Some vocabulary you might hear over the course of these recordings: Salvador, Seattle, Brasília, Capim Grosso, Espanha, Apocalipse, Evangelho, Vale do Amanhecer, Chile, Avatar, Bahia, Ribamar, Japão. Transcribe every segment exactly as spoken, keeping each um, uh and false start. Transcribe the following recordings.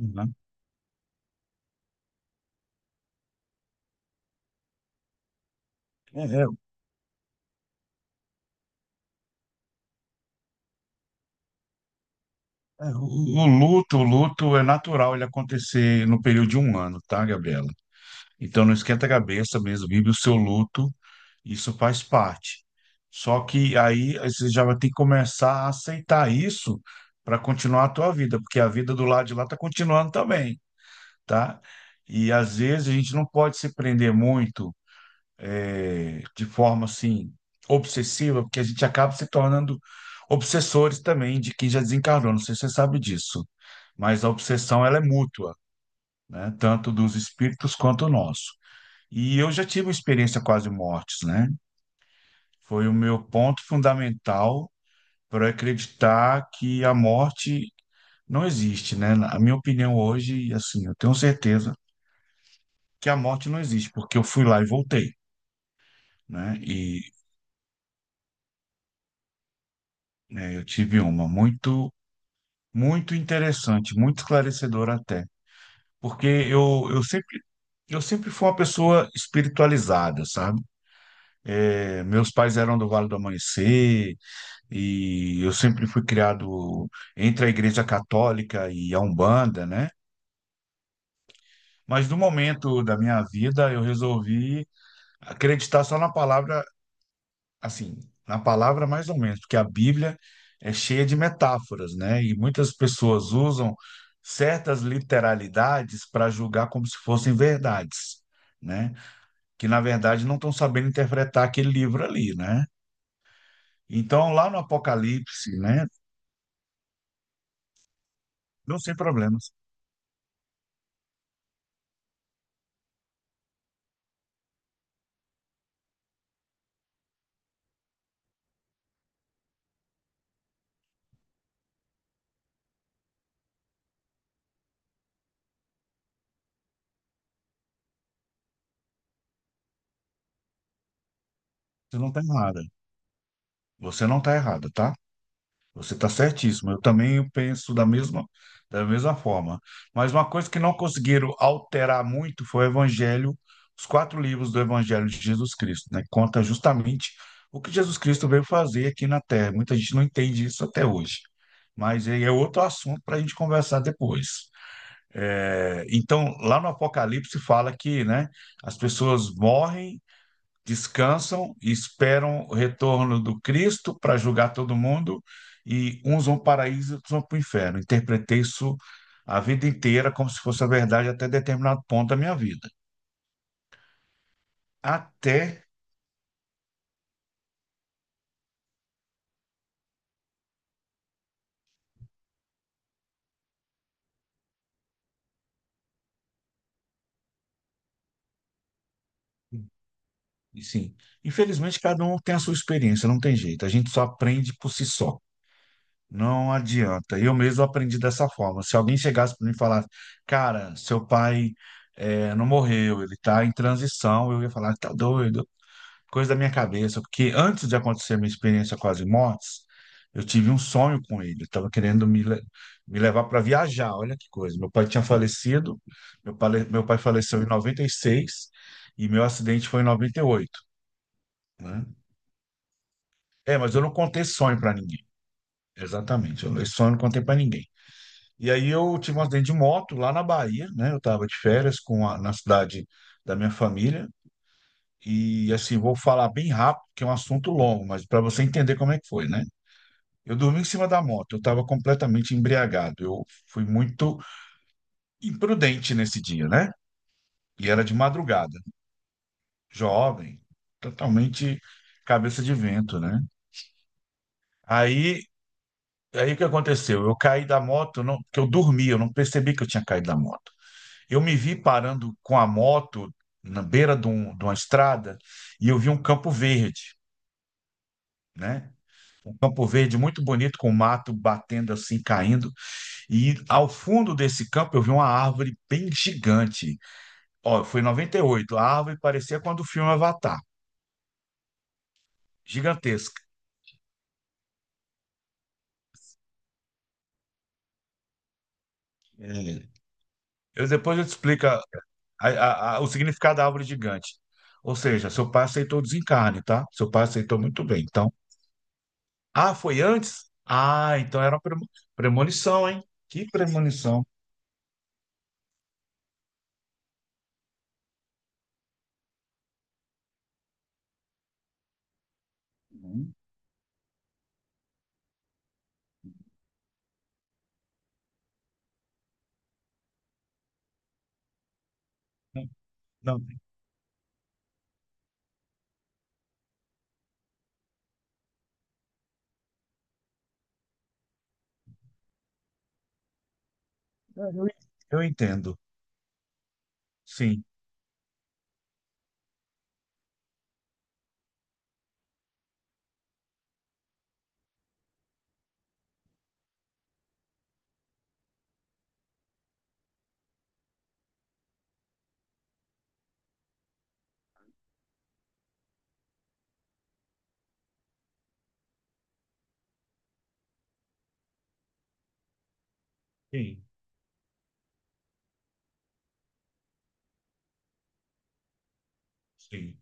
Uhum. É, é, é, o o luto, o luto é natural ele acontecer no período de um ano, tá, Gabriela? Então não esquenta a cabeça mesmo, vive o seu luto, isso faz parte. Só que aí você já vai ter que começar a aceitar isso para continuar a tua vida, porque a vida do lado de lá está continuando também, tá? E às vezes a gente não pode se prender muito é, de forma assim obsessiva, porque a gente acaba se tornando obsessores também de quem já desencarnou. Não sei se você sabe disso, mas a obsessão ela é mútua, né? Tanto dos espíritos quanto o nosso. E eu já tive uma experiência quase mortes, né? Foi o meu ponto fundamental para acreditar que a morte não existe, né? Na- A minha opinião hoje, assim, eu tenho certeza que a morte não existe, porque eu fui lá e voltei, né? E né, eu tive uma muito Muito interessante, muito esclarecedor até, porque eu, eu sempre eu sempre fui uma pessoa espiritualizada, sabe? É, meus pais eram do Vale do Amanhecer e eu sempre fui criado entre a Igreja Católica e a Umbanda, né? Mas no momento da minha vida eu resolvi acreditar só na palavra assim, na palavra mais ou menos, porque a Bíblia é cheia de metáforas, né? E muitas pessoas usam certas literalidades para julgar como se fossem verdades, né? Que na verdade não estão sabendo interpretar aquele livro ali, né? Então, lá no Apocalipse, né? Não sem problemas, você não está errada. Você não está errada, tá? Você está certíssimo. Eu também penso da mesma, da mesma forma. Mas uma coisa que não conseguiram alterar muito foi o Evangelho, os quatro livros do Evangelho de Jesus Cristo, né? Conta justamente o que Jesus Cristo veio fazer aqui na Terra. Muita gente não entende isso até hoje. Mas aí é outro assunto para a gente conversar depois. É, então, lá no Apocalipse fala que, né, as pessoas morrem, descansam e esperam o retorno do Cristo para julgar todo mundo, e uns vão para o paraíso e outros vão para o inferno. Interpretei isso a vida inteira como se fosse a verdade até determinado ponto da minha vida. Até, sim, infelizmente cada um tem a sua experiência, não tem jeito, a gente só aprende por si só. Não adianta. Eu mesmo aprendi dessa forma. Se alguém chegasse para mim e falasse, cara, seu pai eh, não morreu, ele está em transição, eu ia falar, tá doido, coisa da minha cabeça, porque antes de acontecer a minha experiência com as mortes, eu tive um sonho com ele. Eu estava querendo me, le- me levar para viajar, olha que coisa. Meu pai tinha falecido, meu pai, meu pai faleceu em noventa e seis e meu acidente foi em noventa e oito, né? É, mas eu não contei sonho para ninguém. Exatamente, eu, esse sonho eu não contei para ninguém. E aí eu tive um acidente de moto lá na Bahia, né? Eu estava de férias com a- na cidade da minha família. E assim, vou falar bem rápido, que é um assunto longo, mas para você entender como é que foi, né? Eu dormi em cima da moto, eu estava completamente embriagado. Eu fui muito imprudente nesse dia, né? E era de madrugada, jovem, totalmente cabeça de vento, né? Aí, aí o que aconteceu? Eu caí da moto, não, porque eu dormi, eu não percebi que eu tinha caído da moto. Eu me vi parando com a moto na beira de, um- de uma estrada, e eu vi um campo verde, né? Um campo verde muito bonito, com o mato batendo assim, caindo. E ao fundo desse campo eu vi uma árvore bem gigante. Ó, foi em noventa e oito. A árvore parecia quando o filme Avatar. Gigantesca. É. Eu, depois eu te explico a- a- a- o significado da árvore gigante. Ou seja, seu pai aceitou o desencarne, tá? Seu pai aceitou muito bem. Então, ah, foi antes? Ah, então era uma premo- premonição, hein? Que premonição. Uhum. Não, não. Eu, eu entendo. Sim, sim, sim.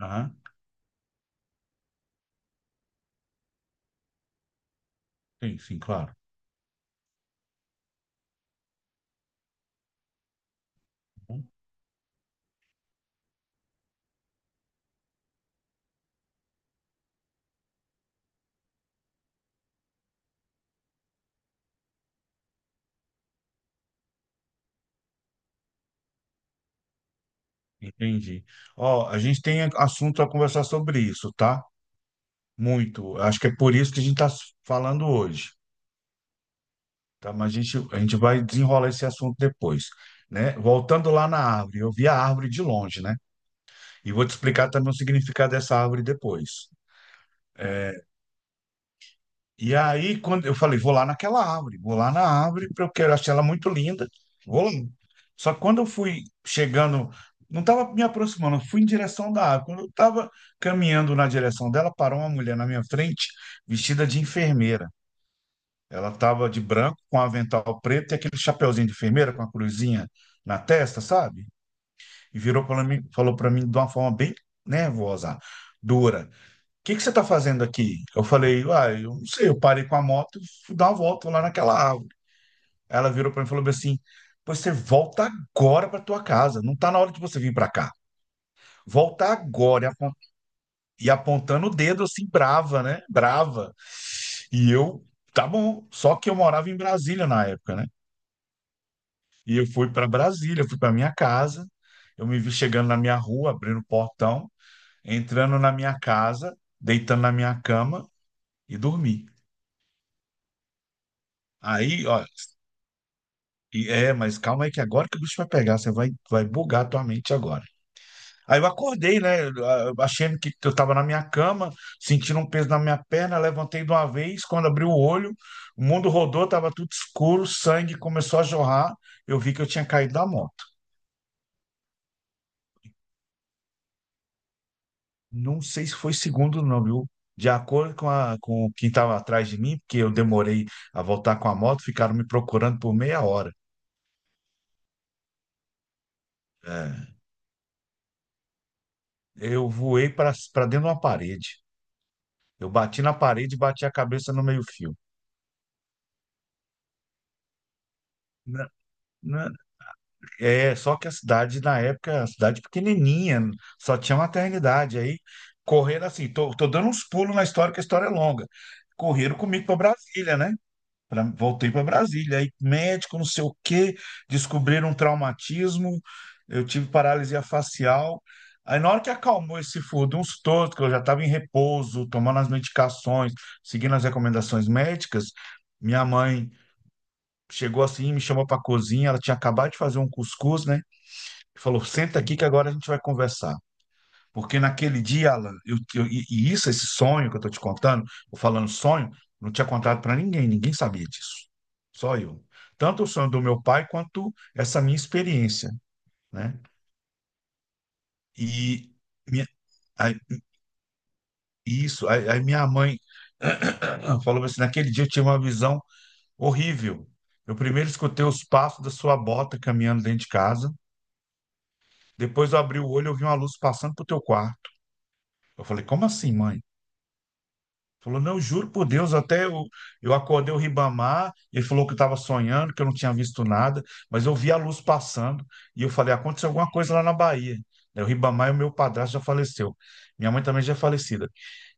Aham. Sim, sim, claro. Entendi. Ó, a gente tem assunto a conversar sobre isso, tá? Muito. Acho que é por isso que a gente está falando hoje, tá? Mas a gente, a gente vai desenrolar esse assunto depois, né? Voltando lá na árvore, eu vi a árvore de longe, né? E vou te explicar também o significado dessa árvore depois. E aí, quando eu falei, vou lá naquela árvore, vou lá na árvore, porque eu quero achar ela muito linda. Vou lá. Só que quando eu fui chegando, não estava me aproximando, eu fui em direção da árvore. Quando eu estava caminhando na direção dela, parou uma mulher na minha frente, vestida de enfermeira. Ela estava de branco, com avental preto e aquele chapeuzinho de enfermeira com a cruzinha na testa, sabe? E virou para mim, falou para mim de uma forma bem nervosa, dura: que que você está fazendo aqui? Eu falei, uai, eu não sei, eu parei com a moto e fui dar uma volta lá naquela árvore. Ela virou para mim e falou assim: pois você volta agora para tua casa, não tá na hora de você vir para cá. Volta agora. E apon- e apontando o dedo assim, brava, né? Brava. E eu, tá bom. Só que eu morava em Brasília na época, né? E eu fui para Brasília, fui para minha casa. Eu me vi chegando na minha rua, abrindo o portão, entrando na minha casa, deitando na minha cama e dormi. Aí, ó, E é, mas calma aí que agora que o bicho vai pegar, você vai, vai bugar a tua mente agora. Aí eu acordei, né? eu- eu- Achando que eu estava na minha cama, sentindo um peso na minha perna, levantei de uma vez, quando abri o olho, o mundo rodou, estava tudo escuro, sangue começou a jorrar, eu vi que eu tinha caído da moto. Não sei se foi segundo não, viu? De acordo com, a, com quem estava atrás de mim, porque eu demorei a voltar com a moto, ficaram me procurando por meia hora. É, eu voei para para dentro de uma parede. Eu bati na parede e bati a cabeça no meio-fio. Na- na- É, só que a cidade, na época, a cidade pequenininha, só tinha maternidade. Aí, correram assim, tô, tô dando uns pulos na história, que a história é longa. Correram comigo para Brasília, né? Pra- voltei para Brasília. Aí, médico, não sei o quê, descobriram um traumatismo, eu tive paralisia facial. Aí, na hora que acalmou esse furdunço todo, que eu já estava em repouso, tomando as medicações, seguindo as recomendações médicas, minha mãe. Chegou assim, me chamou para a cozinha. Ela tinha acabado de fazer um cuscuz, né? E falou: senta aqui que agora a gente vai conversar. Porque naquele dia, Alan, eu, eu- e e isso, esse sonho que eu tô te contando, ou falando sonho, não tinha contado para ninguém, ninguém sabia disso. Só eu. Tanto o sonho do meu pai quanto essa minha experiência, né? E minha, aí- isso, aí, aí Minha mãe falou assim: naquele dia eu tive uma visão horrível. Eu primeiro escutei os passos da sua bota caminhando dentro de casa. Depois eu abri o olho, eu vi uma luz passando pro teu quarto. Eu falei, como assim, mãe? Falou, não, eu juro por Deus, até eu, eu acordei o Ribamar, ele falou que eu estava sonhando, que eu não tinha visto nada, mas eu vi a luz passando, e eu falei, aconteceu alguma coisa lá na Bahia. Daí o Ribamar, e o meu padrasto já faleceu. Minha mãe também já é falecida.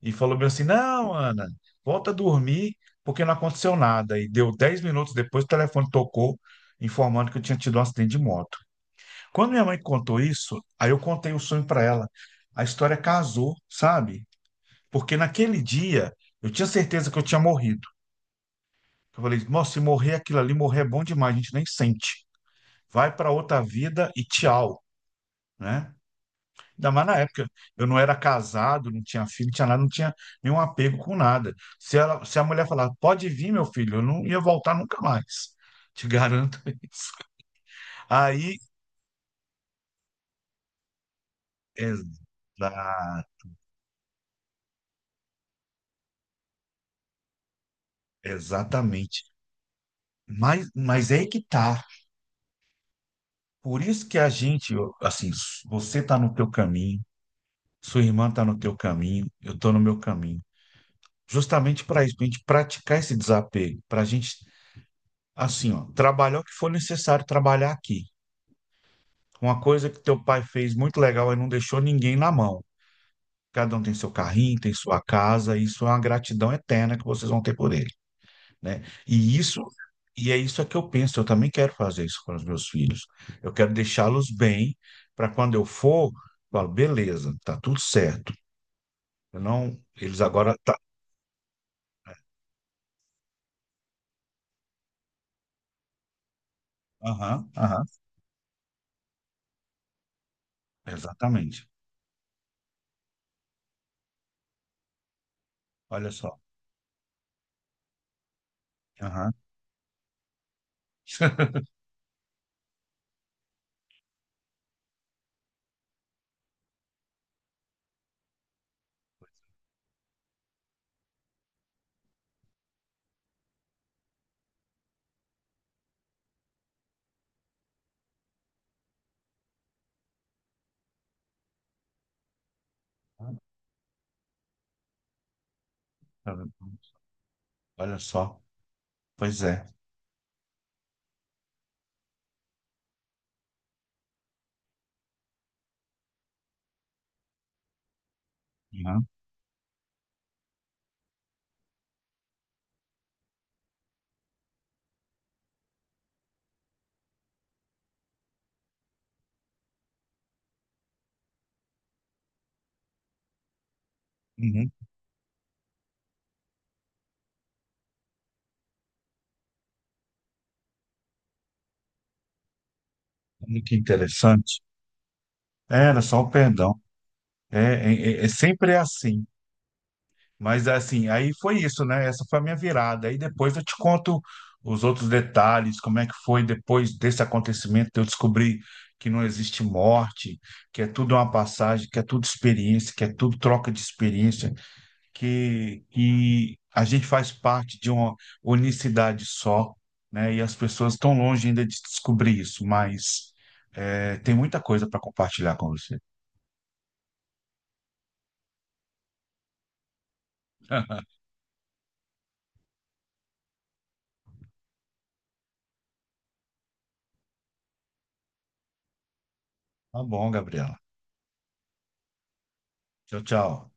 E falou bem assim, não, Ana, volta a dormir, porque não aconteceu nada. E deu dez minutos depois, o telefone tocou, informando que eu tinha tido um acidente de moto. Quando minha mãe contou isso, aí eu contei o sonho para ela. A história casou, sabe? Porque naquele dia eu tinha certeza que eu tinha morrido. Eu falei, nossa, se morrer aquilo ali, morrer é bom demais, a gente nem sente. Vai para outra vida e tchau, né? Ainda mais na época, eu não era casado, não tinha filho, não tinha nada, não tinha nenhum apego com nada. Se ela, se a mulher falar, pode vir, meu filho, eu não ia voltar nunca mais. Te garanto isso. Aí, exa- exatamente. Mas, mas é aí que tá. Por isso que a gente, eu- assim, s- você tá no teu caminho, sua irmã tá no teu caminho, eu tô no meu caminho. Justamente para isso, para a gente praticar esse desapego, para a gente, assim, ó, trabalhar o que for necessário trabalhar aqui. Uma coisa que teu pai fez muito legal é não deixou ninguém na mão. Cada um tem seu carrinho, tem sua casa, e isso é uma gratidão eterna que vocês vão ter por ele. Né? E isso, e é isso que eu penso, eu também quero fazer isso com os meus filhos. Eu quero deixá-los bem para quando eu for, eu falo, beleza, tá tudo certo. Eu não, eles agora tá, aham, aham, exatamente. Olha só. Aham. Tá vendo? Olha só. Pois é. Aham. Uhum. Olha, que interessante. É, era só o perdão. É, é, é é sempre assim. Mas assim, aí foi isso, né? Essa foi a minha virada. Aí depois eu te conto os outros detalhes, como é que foi depois desse acontecimento, de eu descobri que não existe morte, que é tudo uma passagem, que é tudo experiência, que é tudo troca de experiência, que, que a gente faz parte de uma unicidade só, né? E as pessoas estão longe ainda de descobrir isso, mas é, tem muita coisa para compartilhar com você. Tá bom, Gabriela. Tchau, tchau.